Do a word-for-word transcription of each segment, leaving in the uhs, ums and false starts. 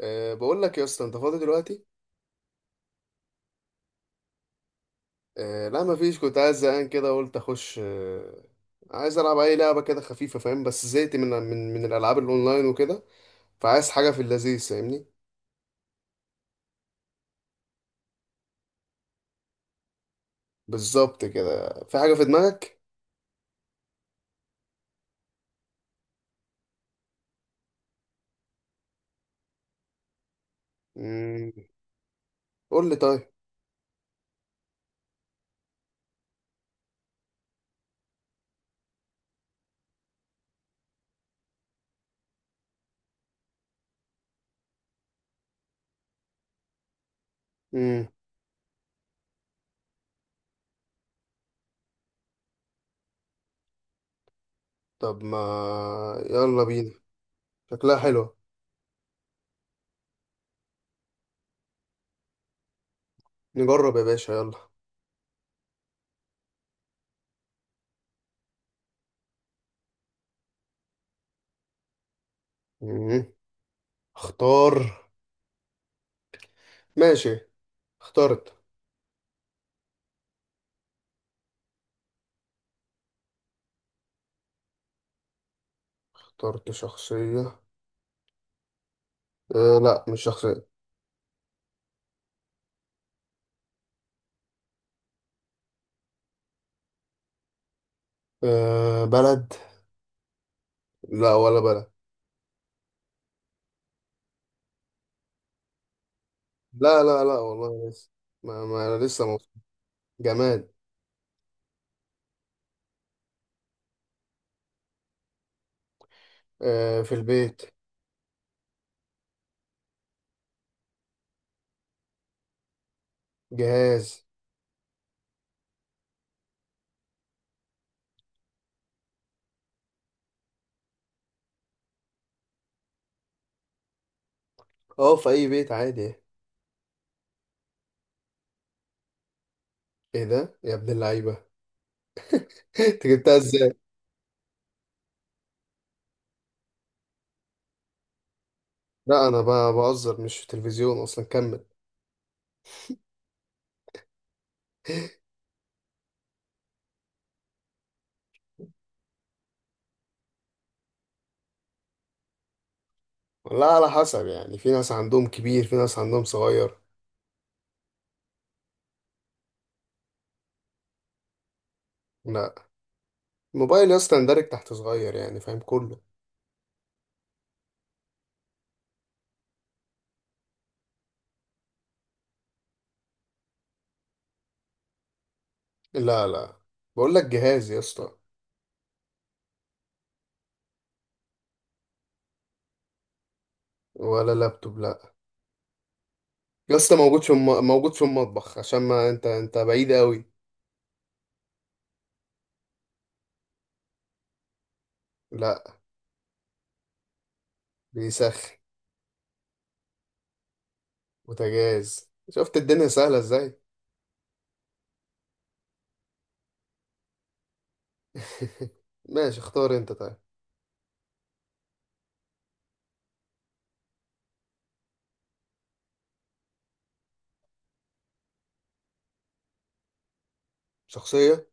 أه بقول لك يا اسطى، انت فاضي دلوقتي؟ أه لا، مفيش. كنت عايز، زهقان كده قلت اخش. أه عايز العب اي لعبه كده خفيفه، فاهم؟ بس زهقت من من من الالعاب الاونلاين وكده. فعايز حاجه في اللذيذ، فاهمني؟ بالظبط كده. في حاجه في دماغك؟ مم. قول لي طيب. مم. طب ما، يلا بينا. شكلها حلوه. نجرب يا باشا، يلا. مم. اختار. ماشي. اخترت. اخترت شخصيه. أه لا، مش شخصيه. أه، بلد. لا ولا بلد. لا لا لا والله لسه. ما, ما انا لسه مبسوط. جماد. آه، في البيت. جهاز. اه، في اي بيت عادي. ايه ده يا ابن اللعيبه! انت جبتها ازاي؟ لا، انا ب- بهزر، مش في التلفزيون اصلا. كمل. والله على حسب يعني، في ناس عندهم كبير، في ناس عندهم صغير. لا. الموبايل يا اسطى يندرج تحت صغير يعني، فاهم؟ كله. لا لا. بقول لك جهاز يا اسطى. ولا لابتوب، لا. يا اسطى، موجود في الم... موجود في المطبخ، عشان ما انت انت بعيد قوي. لا. بيسخن. بوتاجاز. شفت الدنيا سهلة ازاي؟ ماشي، اختار انت طيب. شخصية.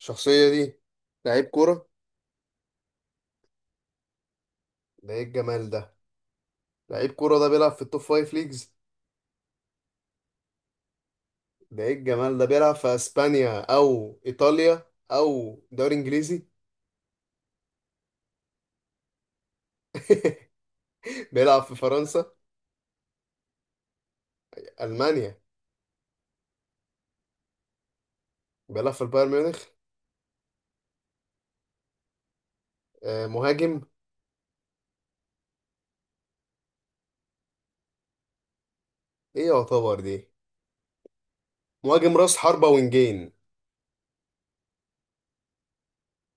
الشخصية دي لعيب كورة. ده ايه الجمال ده! لعيب كورة ده بيلعب في التوب فايف ليجز. ده ايه الجمال ده! بيلعب في اسبانيا او ايطاليا او دوري انجليزي. بيلعب في فرنسا. المانيا. بيلعب في البايرن ميونخ. آه، مهاجم. ايه يعتبر دي؟ مهاجم راس حربة، وينجين.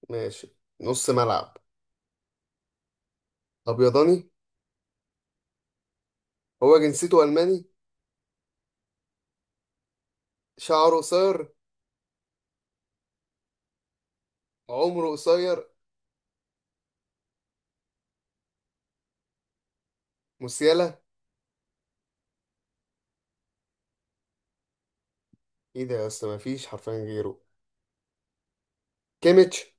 ماشي. نص ملعب. ابيضاني. هو جنسيته الماني. شعره قصير. عمره قصير. موسيالا. ايه ده يا اسطى، ما فيش حرفيا غيره! كيميتش.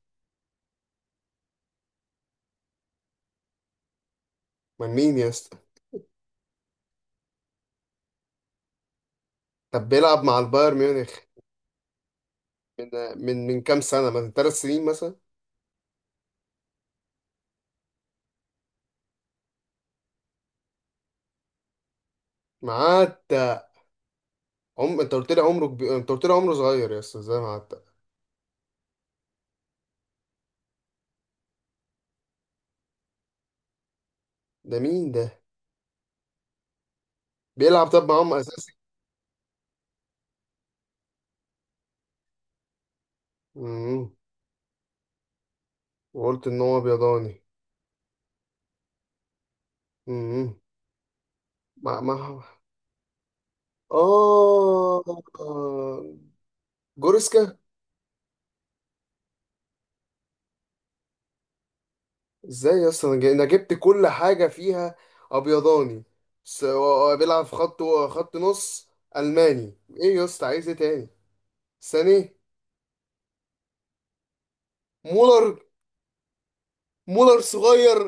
من مين يا اسطى؟ طب بيلعب مع البايرن ميونخ من من من كام سنه؟ من ثلاث سنين مثلا. معاه. عم، انت قلت لي عمره كبير، انت قلت لي عمره صغير يا اسطى، ازاي معاه الت- ده مين ده؟ بيلعب طب معاهم اساسي. امم وقلت ان هو بيضاني. امم مع مع اه جوريسكا. ازاي يا اسطى، انا جا- أنا جبت كل حاجه فيها. ابيضاني. س- و- بيلعب في خط. خط نص. الماني. ايه يا اسطى، عايز ايه تاني؟ ساني. مولر. مولر صغير.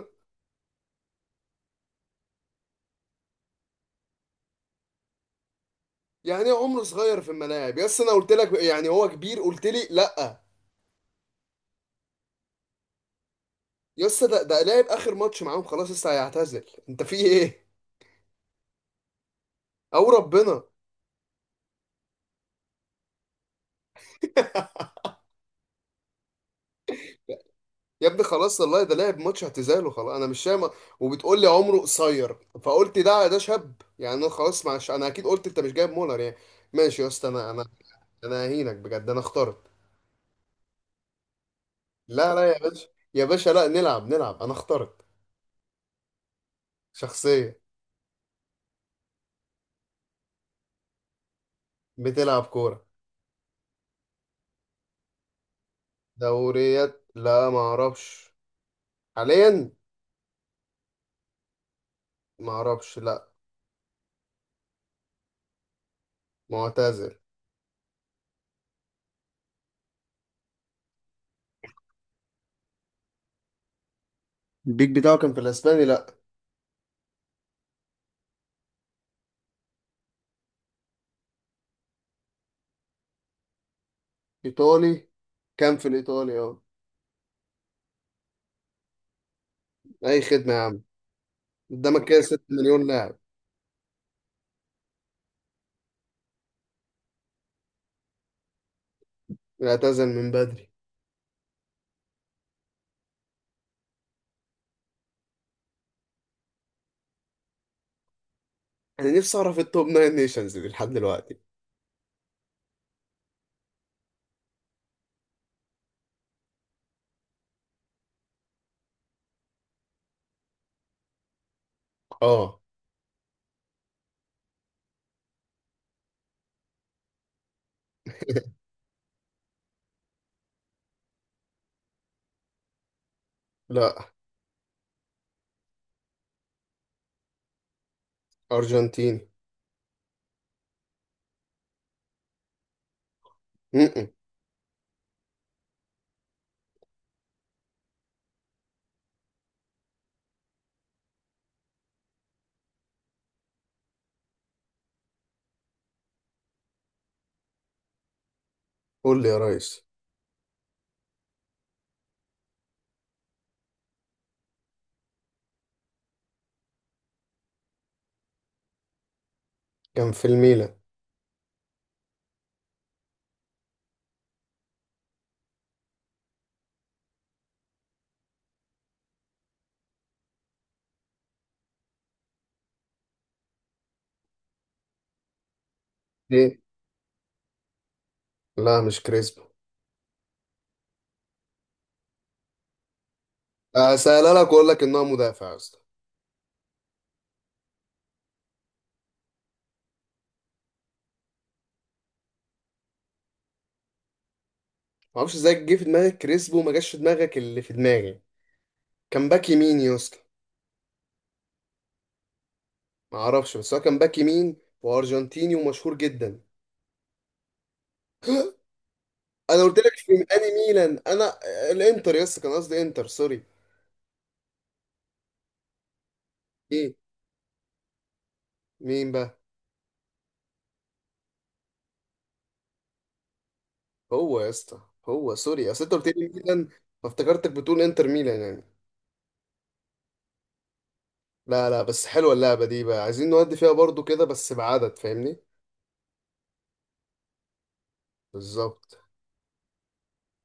يعني ايه عمره صغير في الملاعب يا اسطى؟ انا قلت لك يعني هو كبير، قلت لي لا. يا اسطى، ده ده لاعب اخر ماتش معاهم، خلاص لسه هيعتزل، انت في ايه؟ او ربنا. يا ابني خلاص والله، ده لعب ماتش اعتزال وخلاص، انا مش فاهم. وبتقول لي عمره قصير، فقلت ده ده شاب يعني. انا خلاص معش، انا اكيد قلت انت مش جايب مولر يعني. ماشي يا اسطى، انا انا انا اهينك بجد. انا اخترت. لا لا يا باشا، يا باشا، لا، نلعب نلعب. انا اخترت. شخصية. بتلعب كورة. دوريات، لا ما اعرفش. حاليا، ما اعرفش، لا. معتزل. البيك بتاعه كان في الاسباني، لا. ايطالي. كان في الايطالي، اه. اي خدمة يا عم. قدامك كده ستة مليون لاعب. اعتزل من بدري. انا نفسي اعرف التوب ناين نيشنز دي لحد دلوقتي. اه. لا. ارجنتيني. م-م. قول لي يا ريس. كان في الميلان. ايه؟ لا، مش كريسبو. اسالها لك واقول لك ان هو مدافع يا اسطى. ما اعرفش ازاي جه في دماغك كريسبو وما جاش في دماغك اللي في دماغي. كان باك يمين يا اسطى. ما اعرفش، بس هو كان باك يمين وارجنتيني ومشهور جدا. انا قلت لك في انهي ميلان، انا الانتر يا اسطى كان قصدي، انتر، سوري. ايه؟ مين بقى؟ هو يا اسطى، هو سوري اصل انت قلت لي ميلان، فافتكرتك بتقول انتر ميلان يعني. لا لا، بس حلوه اللعبه دي بقى. عايزين نودي فيها برضو كده بس بعدد، فاهمني؟ بالظبط.